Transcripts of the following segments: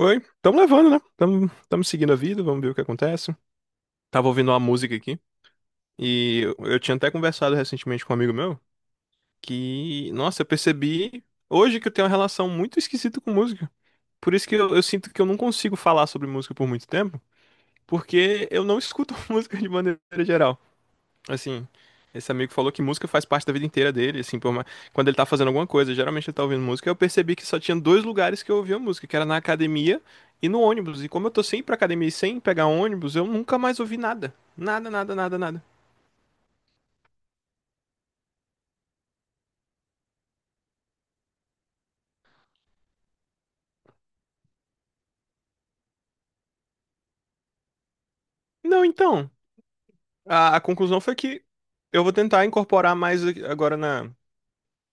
Oi, estamos levando, né? Estamos seguindo a vida, vamos ver o que acontece. Tava ouvindo uma música aqui e eu tinha até conversado recentemente com um amigo meu que, nossa, eu percebi hoje que eu tenho uma relação muito esquisita com música. Por isso que eu sinto que eu não consigo falar sobre música por muito tempo, porque eu não escuto música de maneira geral. Assim, esse amigo falou que música faz parte da vida inteira dele, assim, quando ele tá fazendo alguma coisa, geralmente ele tá ouvindo música. Eu percebi que só tinha dois lugares que eu ouvia música, que era na academia e no ônibus. E como eu tô sempre pra academia e sem pegar ônibus, eu nunca mais ouvi nada. Nada, nada, nada, nada. Não, então, a conclusão foi que eu vou tentar incorporar agora na,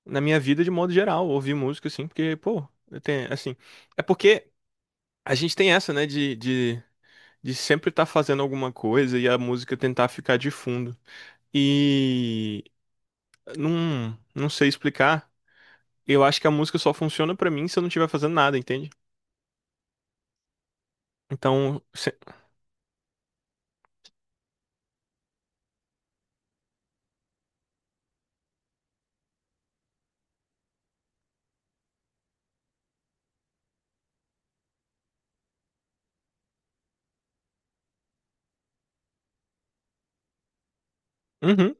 na minha vida de modo geral, ouvir música, assim, porque, pô, eu tenho, assim, é porque a gente tem essa, né, de sempre estar tá fazendo alguma coisa e a música tentar ficar de fundo. E não sei explicar. Eu acho que a música só funciona pra mim se eu não estiver fazendo nada, entende? Então, se- uhum,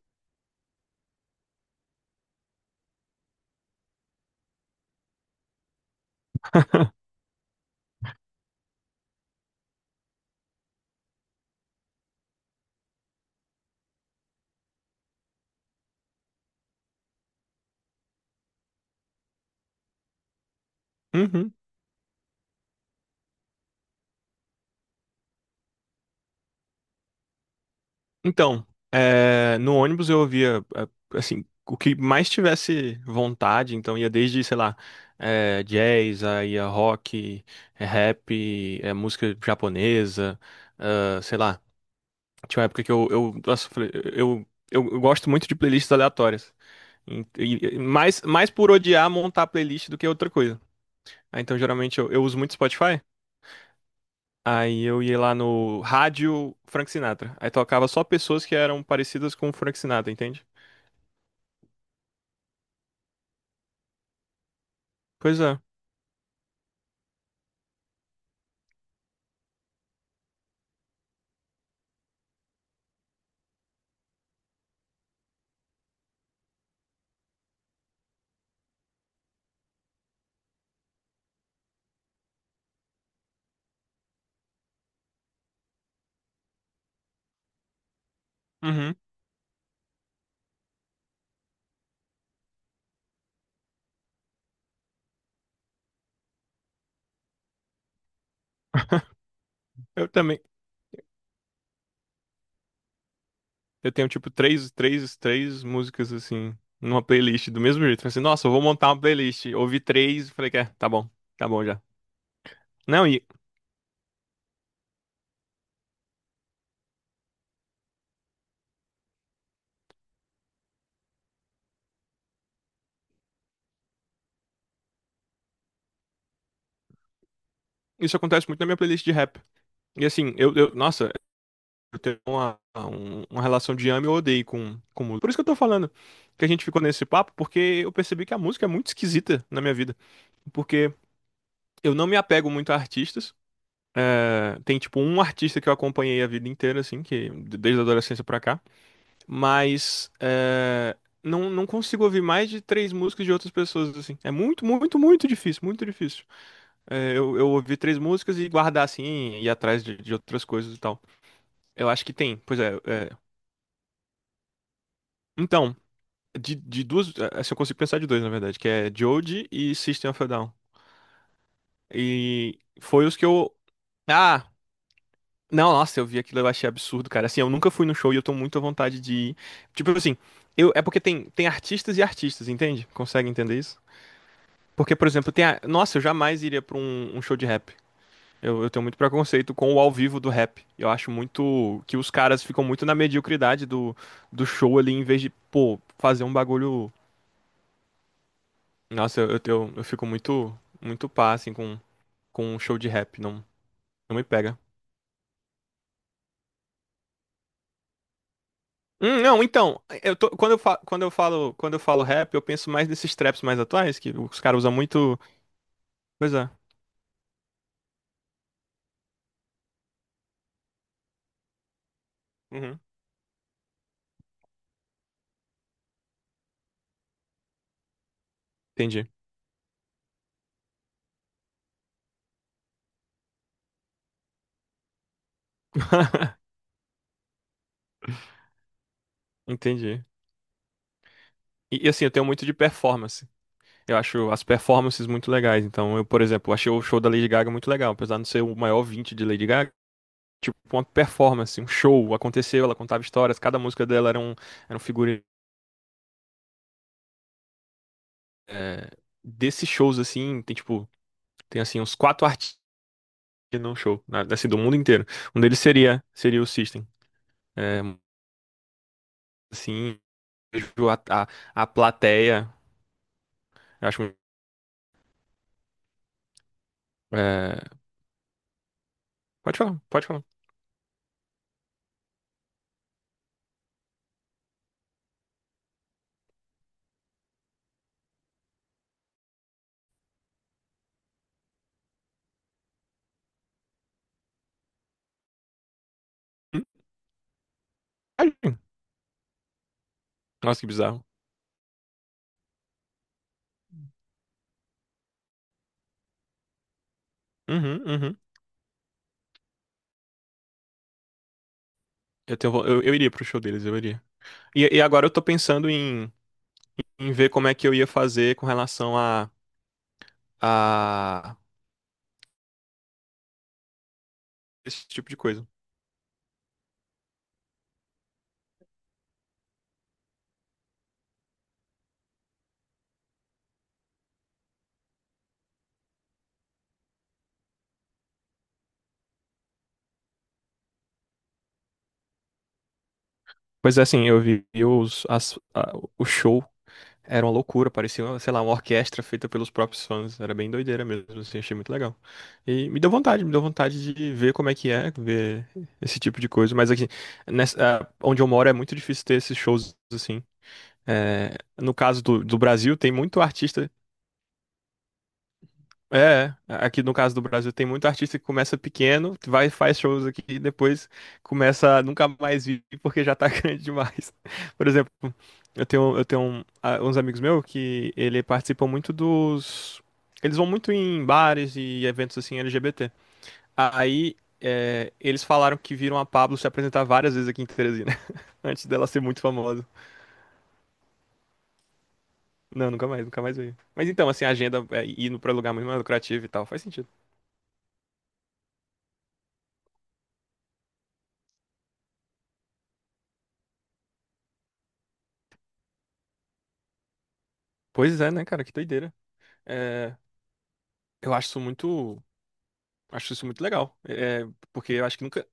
uhum. Então, é, no ônibus eu ouvia é, assim o que mais tivesse vontade. Então ia desde, sei lá, é, jazz, aí ia rock, é, rap, é, música japonesa, ah, sei lá. Tinha uma época que eu, nossa, eu falei, eu gosto muito de playlists aleatórias. Mais por odiar montar playlist do que outra coisa. Ah, então, geralmente, eu uso muito Spotify. Aí eu ia lá no rádio Frank Sinatra. Aí tocava só pessoas que eram parecidas com o Frank Sinatra, entende? Pois é. Uhum. Eu também. Eu tenho, tipo, três músicas, assim, numa playlist do mesmo jeito. Falei assim, nossa, eu vou montar uma playlist. Ouvi três, falei que é, tá bom já. Não, e isso acontece muito na minha playlist de rap. E assim, nossa, eu tenho uma relação de ame ou odeio com música. Por isso que eu tô falando que a gente ficou nesse papo, porque eu percebi que a música é muito esquisita na minha vida. Porque eu não me apego muito a artistas. É, tem, tipo, um artista que eu acompanhei a vida inteira, assim, que desde a adolescência pra cá. Mas é, não consigo ouvir mais de três músicas de outras pessoas, assim. É muito, muito, muito difícil, muito difícil. É, eu ouvir três músicas e guardar, assim, e ir atrás de outras coisas e tal. Eu acho que tem, pois é, então, De duas, é, assim, eu consigo pensar de dois, na verdade, que é Joji e System of a Down. E foi os que eu. Ah! Não, nossa, eu vi aquilo, eu achei absurdo, cara. Assim, eu nunca fui no show e eu tô muito à vontade de ir. Tipo assim, eu, é porque tem, tem artistas e artistas, entende? Consegue entender isso? Porque, por exemplo, tem a... Nossa, eu jamais iria pra um show de rap. Eu tenho muito preconceito com o ao vivo do rap. Eu acho muito que os caras ficam muito na mediocridade do show ali, em vez de, pô, fazer um bagulho. Nossa, eu fico muito, muito pá, assim, com um show de rap, não, não me pega. Não, então, eu tô, quando eu falo rap, eu penso mais nesses traps mais atuais, que os caras usam muito. Pois é. Uhum. Entendi. Entendi. E, assim, eu tenho muito de performance. Eu acho as performances muito legais. Então, eu, por exemplo, achei o show da Lady Gaga muito legal, apesar de não ser o maior ouvinte de Lady Gaga. Tipo, uma performance, um show, aconteceu, ela contava histórias, cada música dela era um figurino, é, desses shows, assim, tem tipo, tem assim uns quatro artistas num show, na, assim, do mundo inteiro. Um deles seria, seria o System. É, assim, eu vejo a plateia, eu acho, é, pode falar, pode falar. Hum? Ai, nossa, que bizarro. Uhum, uhum. Eu tenho, vo- eu iria pro show deles, eu iria. E agora eu tô pensando em ver como é que eu ia fazer com relação a esse tipo de coisa. Pois é, assim, eu vi o show. Era uma loucura, parecia, sei lá, uma orquestra feita pelos próprios fãs. Era bem doideira mesmo, assim, achei muito legal. E me deu vontade de ver como é que é, ver esse tipo de coisa. Mas aqui, nessa, ah, onde eu moro é muito difícil ter esses shows assim. É, no caso do Brasil, tem muito artista é, é, aqui no caso do Brasil tem muito artista que começa pequeno, vai faz shows aqui e depois começa a nunca mais vir porque já tá grande demais. Por exemplo, eu tenho uns amigos meus que ele participam muito dos, eles vão muito em bares e eventos assim LGBT. Aí é, eles falaram que viram a Pabllo se apresentar várias vezes aqui em Teresina antes dela ser muito famosa. Não, nunca mais, nunca mais veio. Mas então, assim, a agenda é indo pra lugar muito mais lucrativo e tal, faz sentido. Pois é, né, cara, que doideira. É, eu acho isso muito legal, é, porque eu acho que nunca,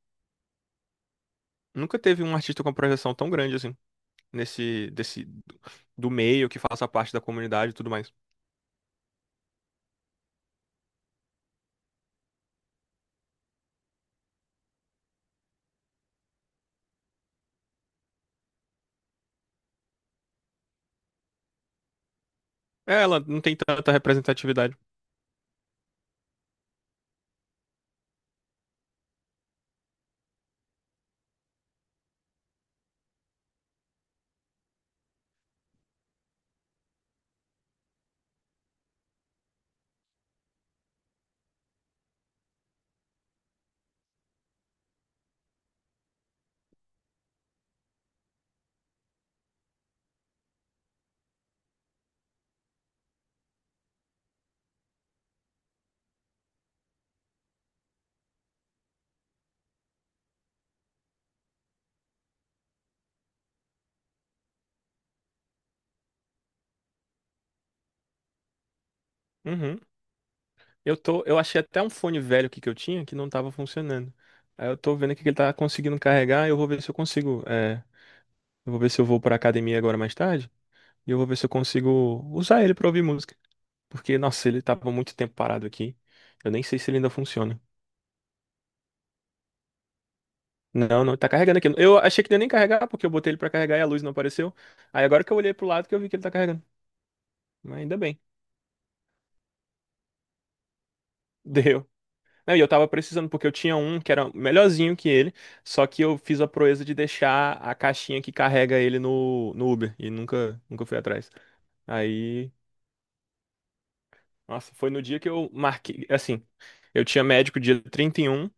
nunca teve um artista com uma projeção tão grande assim, nesse, desse, do meio, que faça parte da comunidade e tudo mais. É, ela não tem tanta representatividade. Uhum. Eu tô, eu achei até um fone velho aqui que eu tinha que não tava funcionando. Aí eu tô vendo aqui que ele tá conseguindo carregar, eu vou ver se eu consigo, eu vou ver se eu vou pra academia agora mais tarde, e eu vou ver se eu consigo usar ele pra ouvir música. Porque, nossa, ele tava muito tempo parado aqui, eu nem sei se ele ainda funciona. Não, não, tá carregando aqui. Eu achei que não ia nem carregar, porque eu botei ele pra carregar e a luz não apareceu. Aí agora que eu olhei pro lado que eu vi que ele tá carregando. Mas ainda bem, deu. Não, e eu tava precisando, porque eu tinha um que era melhorzinho que ele, só que eu fiz a proeza de deixar a caixinha que carrega ele no Uber, e nunca, nunca fui atrás. Aí, nossa, foi no dia que eu marquei, assim, eu tinha médico dia 31.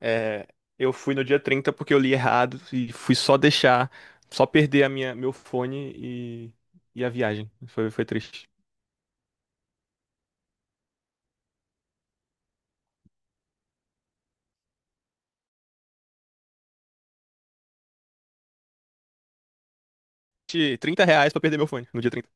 É, eu fui no dia 30 porque eu li errado e fui só deixar, só perder meu fone e a viagem. Foi triste. R$ 30 pra perder meu fone no dia 30.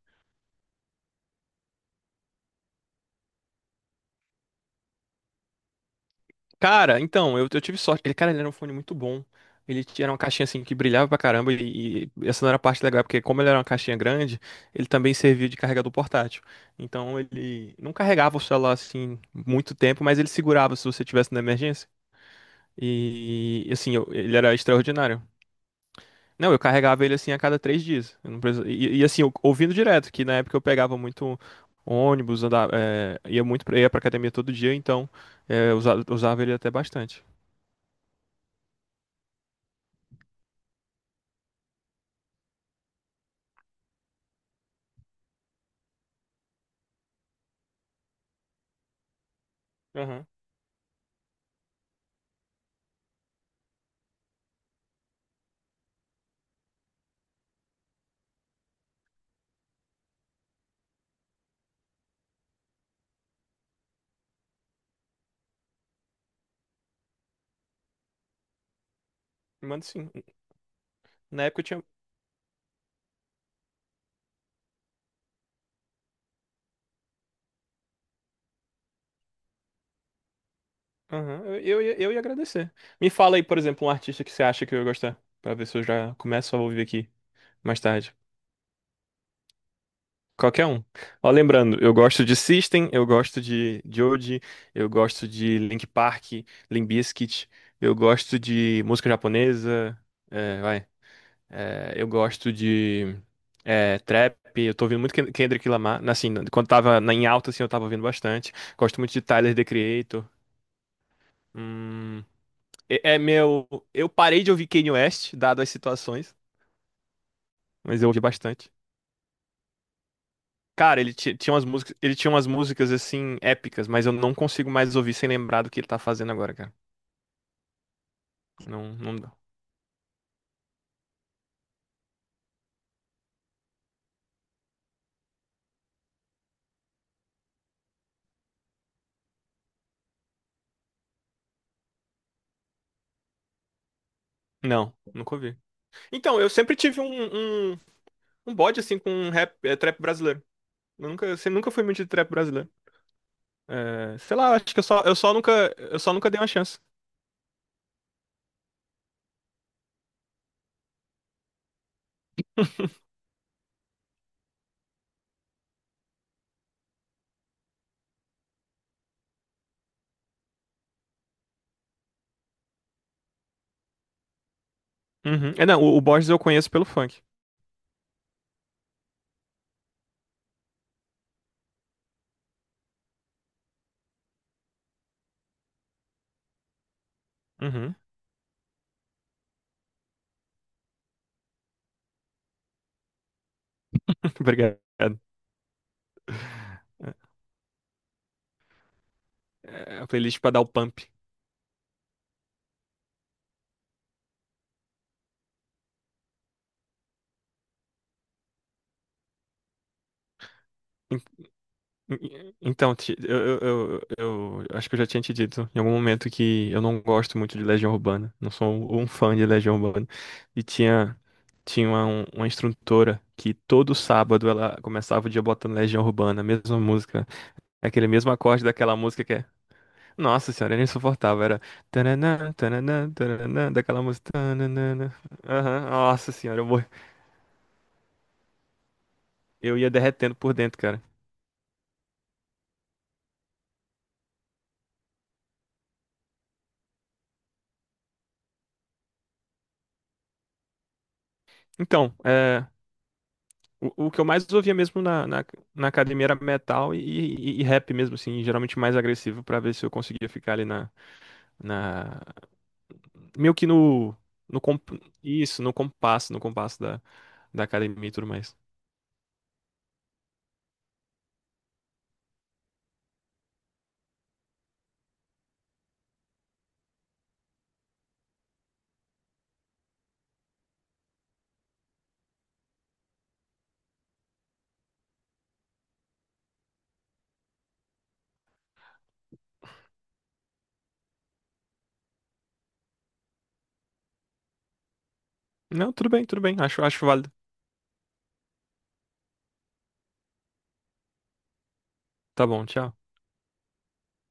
Cara, então, eu tive sorte. Ele, cara, ele era um fone muito bom. Ele tinha era uma caixinha assim que brilhava pra caramba e, essa não era a parte legal, porque como ele era uma caixinha grande, ele também servia de carregador portátil. Então ele não carregava o celular assim muito tempo, mas ele segurava se você tivesse na emergência. E assim, eu- ele era extraordinário. Não, eu carregava ele assim a cada 3 dias. Eu não precisa- E, e, assim, eu- ouvindo direto, que na época eu pegava muito ônibus, andava, é, ia muito ia pra academia todo dia, então é, eu usava ele até bastante. Aham. Manda sim. Na época eu tinha. Aham, Eu ia agradecer. Me fala aí, por exemplo, um artista que você acha que eu ia gostar, pra ver se eu já começo a ouvir aqui. Mais tarde. Qualquer um. Ó, lembrando, eu gosto de System, eu gosto de Joji, eu gosto de Link Park, Limp Bizkit, eu gosto de música japonesa, é, vai. É, eu gosto de é, trap, eu tô ouvindo muito Ken- Kendrick Lamar, assim, quando tava na- em alta, assim, eu tava ouvindo bastante. Gosto muito de Tyler, The Creator. Hum, é, é meu... Eu parei de ouvir Kanye West, dado as situações, mas eu ouvi bastante. Cara, tinha umas músicas, ele tinha umas músicas assim épicas, mas eu não consigo mais ouvir sem lembrar do que ele tá fazendo agora, cara. Não, não dá. Não, nunca ouvi. Então, eu sempre tive um bode assim com um rap, eh, trap brasileiro. Eu nunca fui muito de trap brasileiro. Eh, sei lá, acho que eu só nunca dei uma chance. Uhum. É, não, o Borges eu conheço pelo funk. Uhum. Obrigado. É, é a playlist pra dar o pump. Então, acho que eu já tinha te dito em algum momento que eu não gosto muito de Legião Urbana. Não sou um fã de Legião Urbana. E tinha uma instrutora que todo sábado ela começava o dia botando Legião Urbana, a mesma música, aquele mesmo acorde daquela música que é. Nossa senhora, era insuportável. Era. Tananã, tananã, tananã, daquela música. Tananana. Aham, nossa senhora, eu ia derretendo por dentro, cara. Então, O que eu mais ouvia mesmo na, na academia era metal e, e rap mesmo, assim, geralmente mais agressivo pra ver se eu conseguia ficar ali na meio que isso, no compasso, da, da academia e tudo mais. Não, tudo bem, acho, acho válido. Tá bom, tchau.